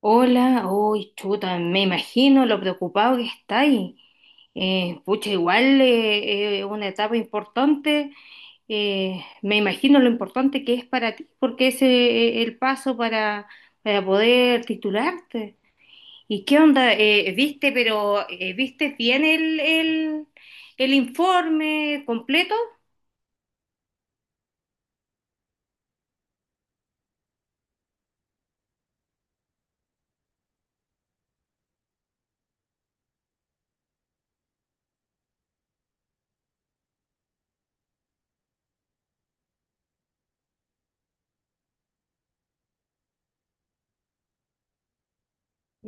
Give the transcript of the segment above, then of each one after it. Hola, uy, chuta, me imagino lo preocupado que estáis. Pucha, igual es una etapa importante. Me imagino lo importante que es para ti, porque ese es el paso para poder titularte. ¿Y qué onda? ¿Viste, pero viste bien el informe completo?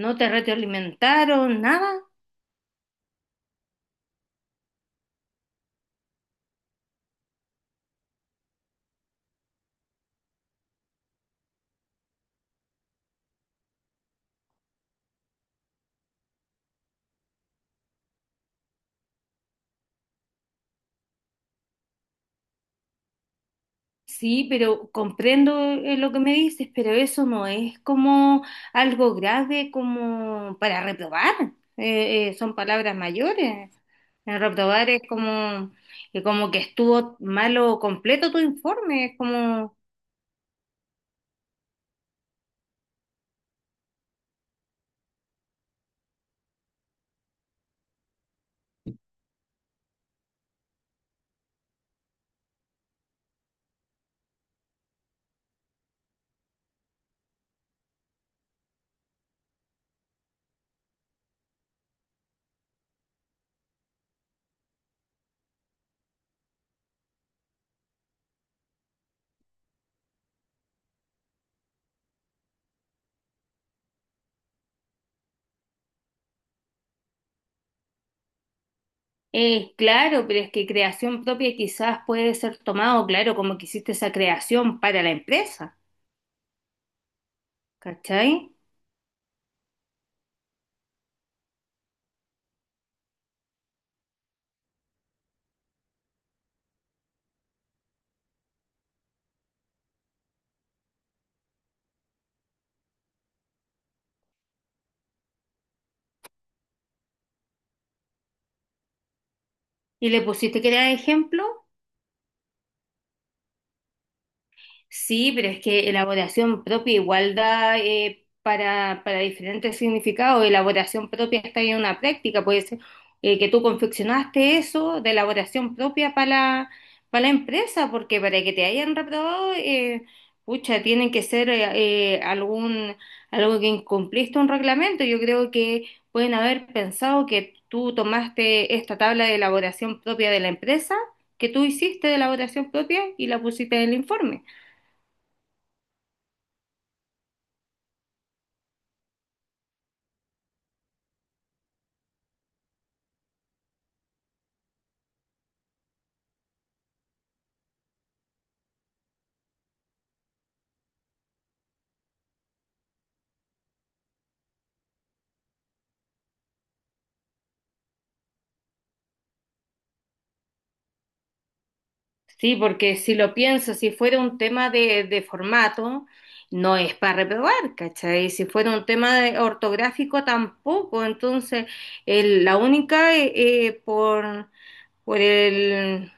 ¿No te retroalimentaron nada? Sí, pero comprendo lo que me dices, pero eso no es como algo grave como para reprobar. Son palabras mayores. Reprobar es como, como que estuvo malo completo tu informe. Es como, claro, pero es que creación propia quizás puede ser tomado, claro, como que hiciste esa creación para la empresa, ¿cachai? Y le pusiste que era ejemplo. Sí, pero es que elaboración propia igual da para diferentes significados. Elaboración propia está en una práctica, puede ser que tú confeccionaste eso de elaboración propia para la empresa, porque para que te hayan reprobado, pucha, tienen que ser algún, algo que incumpliste un reglamento. Yo creo que pueden haber pensado que tú tomaste esta tabla de elaboración propia de la empresa, que tú hiciste de elaboración propia y la pusiste en el informe. Sí, porque si lo pienso, si fuera un tema de formato, no es para reprobar, ¿cachai? Si fuera un tema de- ortográfico, tampoco. Entonces, el- la única, por el,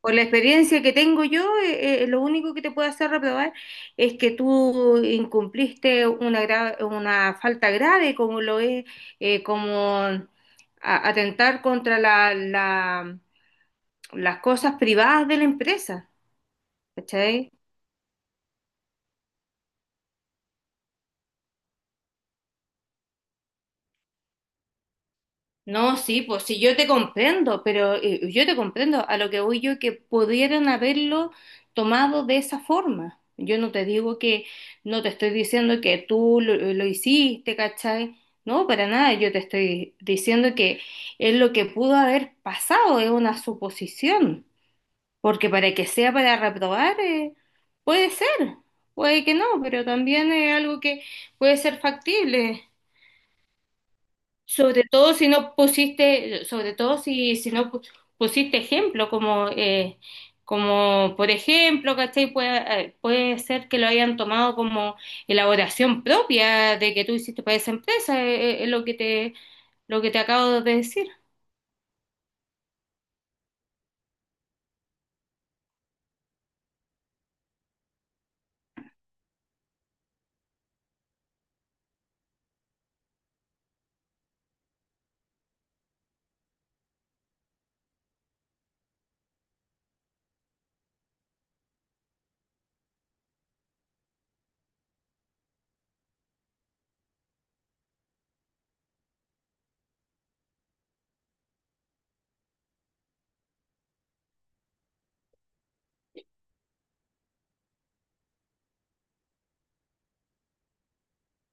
por la experiencia que tengo yo, lo único que te puede hacer reprobar es que tú incumpliste una, gra- una falta grave, como lo es, como a- atentar contra la- la- las cosas privadas de la empresa. ¿Cachai? No, sí, pues sí, yo te comprendo, pero yo te comprendo, a lo que voy yo que pudieran haberlo tomado de esa forma. Yo no te digo no te estoy diciendo que tú lo hiciste, ¿cachai? No, para nada, yo te estoy diciendo que es lo que pudo haber pasado, es una suposición, porque para que sea para reprobar, puede ser, puede que no, pero también es algo que puede ser factible. Sobre todo si no pusiste, sobre todo si, si no pu- pusiste ejemplo, como, como por ejemplo, ¿cachai? Puede, puede ser que lo hayan tomado como elaboración propia de que tú hiciste para esa empresa, es lo que te acabo de decir.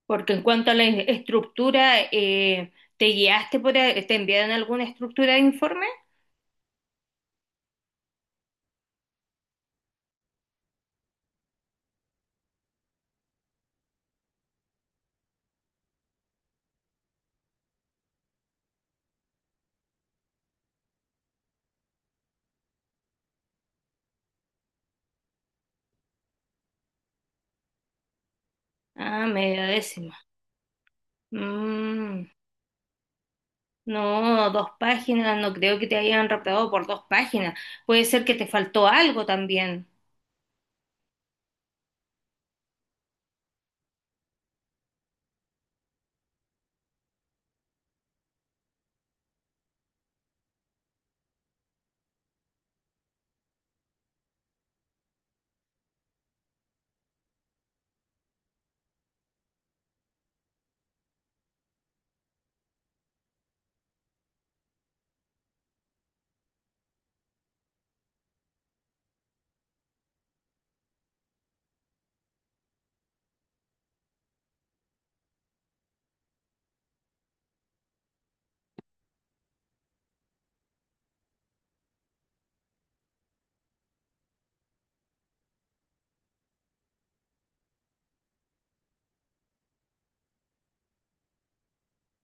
Porque en cuanto a la e- estructura, ¿te guiaste por, a- te enviaron alguna estructura de informe? Ah, media décima. Mm. No, dos páginas, no creo que te hayan raptado por dos páginas. Puede ser que te faltó algo también.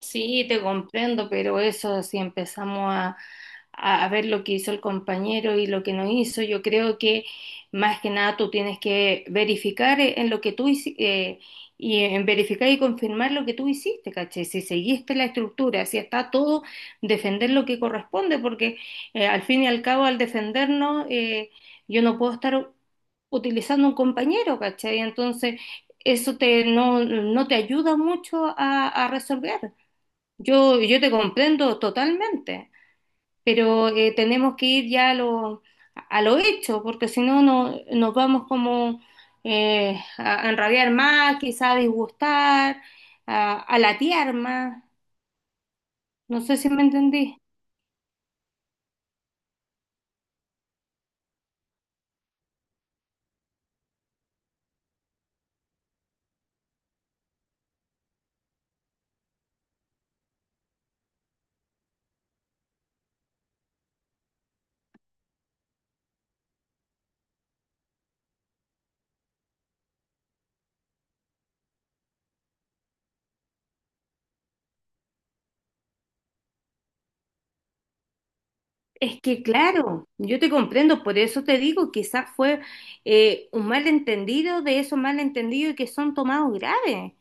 Sí, te comprendo, pero eso, si empezamos a ver lo que hizo el compañero y lo que no hizo, yo creo que más que nada tú tienes que verificar en lo que tú hiciste y en verificar y confirmar lo que tú hiciste, ¿cachai? Si seguiste la estructura, si está todo, defender lo que corresponde, porque al fin y al cabo, al defendernos, yo no puedo estar utilizando un compañero, ¿cachai? Entonces, eso te, no, no te ayuda mucho a resolver. Yo te comprendo totalmente, pero tenemos que ir ya a lo hecho, porque si no, no nos vamos como a enrabiar más, quizá a disgustar, a latear más. No sé si me entendí. Es que claro, yo te comprendo, por eso te digo, quizás fue un malentendido de esos malentendidos que son tomados graves.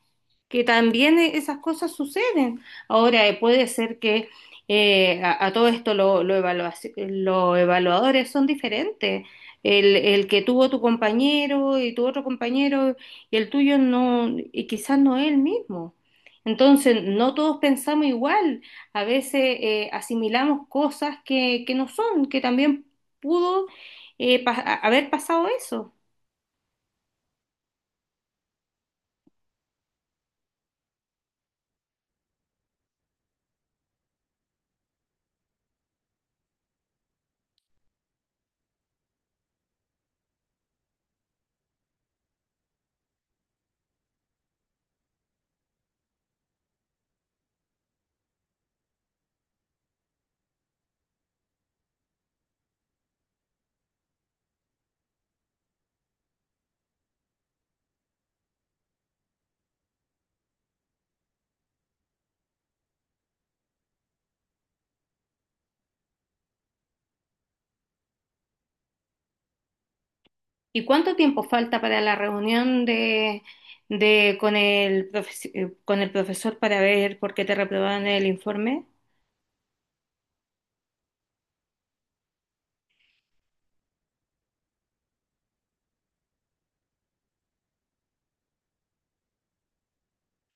Que también e- esas cosas suceden. Ahora, puede ser que a todo esto lo evaluaci- los evaluadores son diferentes. El que tuvo tu compañero y tu otro compañero y el tuyo no, y quizás no es el mismo. Entonces, no todos pensamos igual. A veces asimilamos cosas que no son, que también pudo pa- haber pasado eso. ¿Y cuánto tiempo falta para la reunión de con el profe- con el profesor para ver por qué te reprobaron el informe?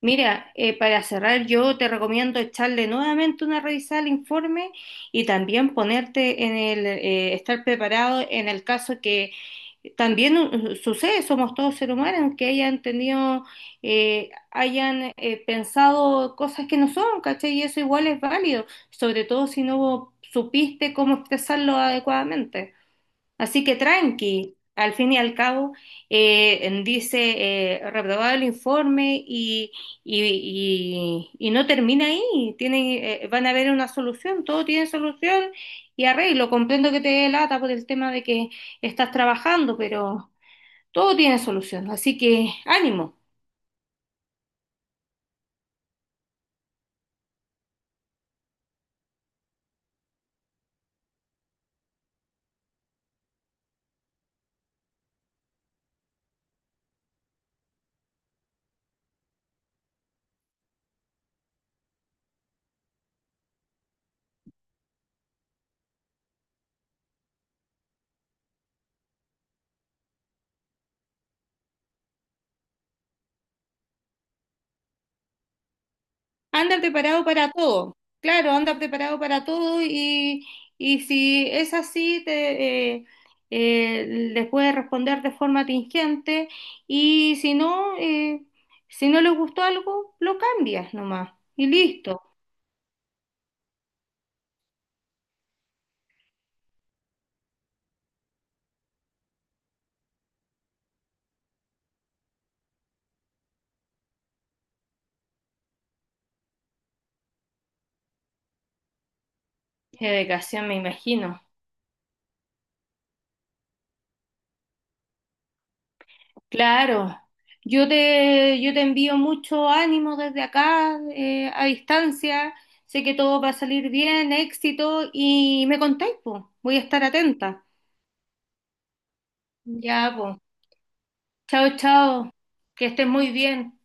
Mira, para cerrar, yo te recomiendo echarle nuevamente una revisada al informe y también ponerte en el, estar preparado en el caso que también sucede, somos todos seres humanos, que hayan tenido, hayan pensado cosas que no son, ¿cachai? Y eso igual es válido, sobre todo si no supiste cómo expresarlo adecuadamente. Así que tranqui, al fin y al cabo, dice reprobado el informe y no termina ahí. Tiene, van a haber una solución, todo tiene solución y arreglo. Comprendo que te dé lata por el tema de que estás trabajando, pero todo tiene solución. Así que ánimo. Anda preparado para todo. Claro, anda preparado para todo y si es así, te, eh, les puedes responder de forma tingente y si no, si no les gustó algo, lo cambias nomás y listo. Qué me imagino. Claro, yo te envío mucho ánimo desde acá, a distancia. Sé que todo va a salir bien, éxito y me contáis, po. Voy a estar atenta. Ya, pues. Chao, chao. Que estés muy bien.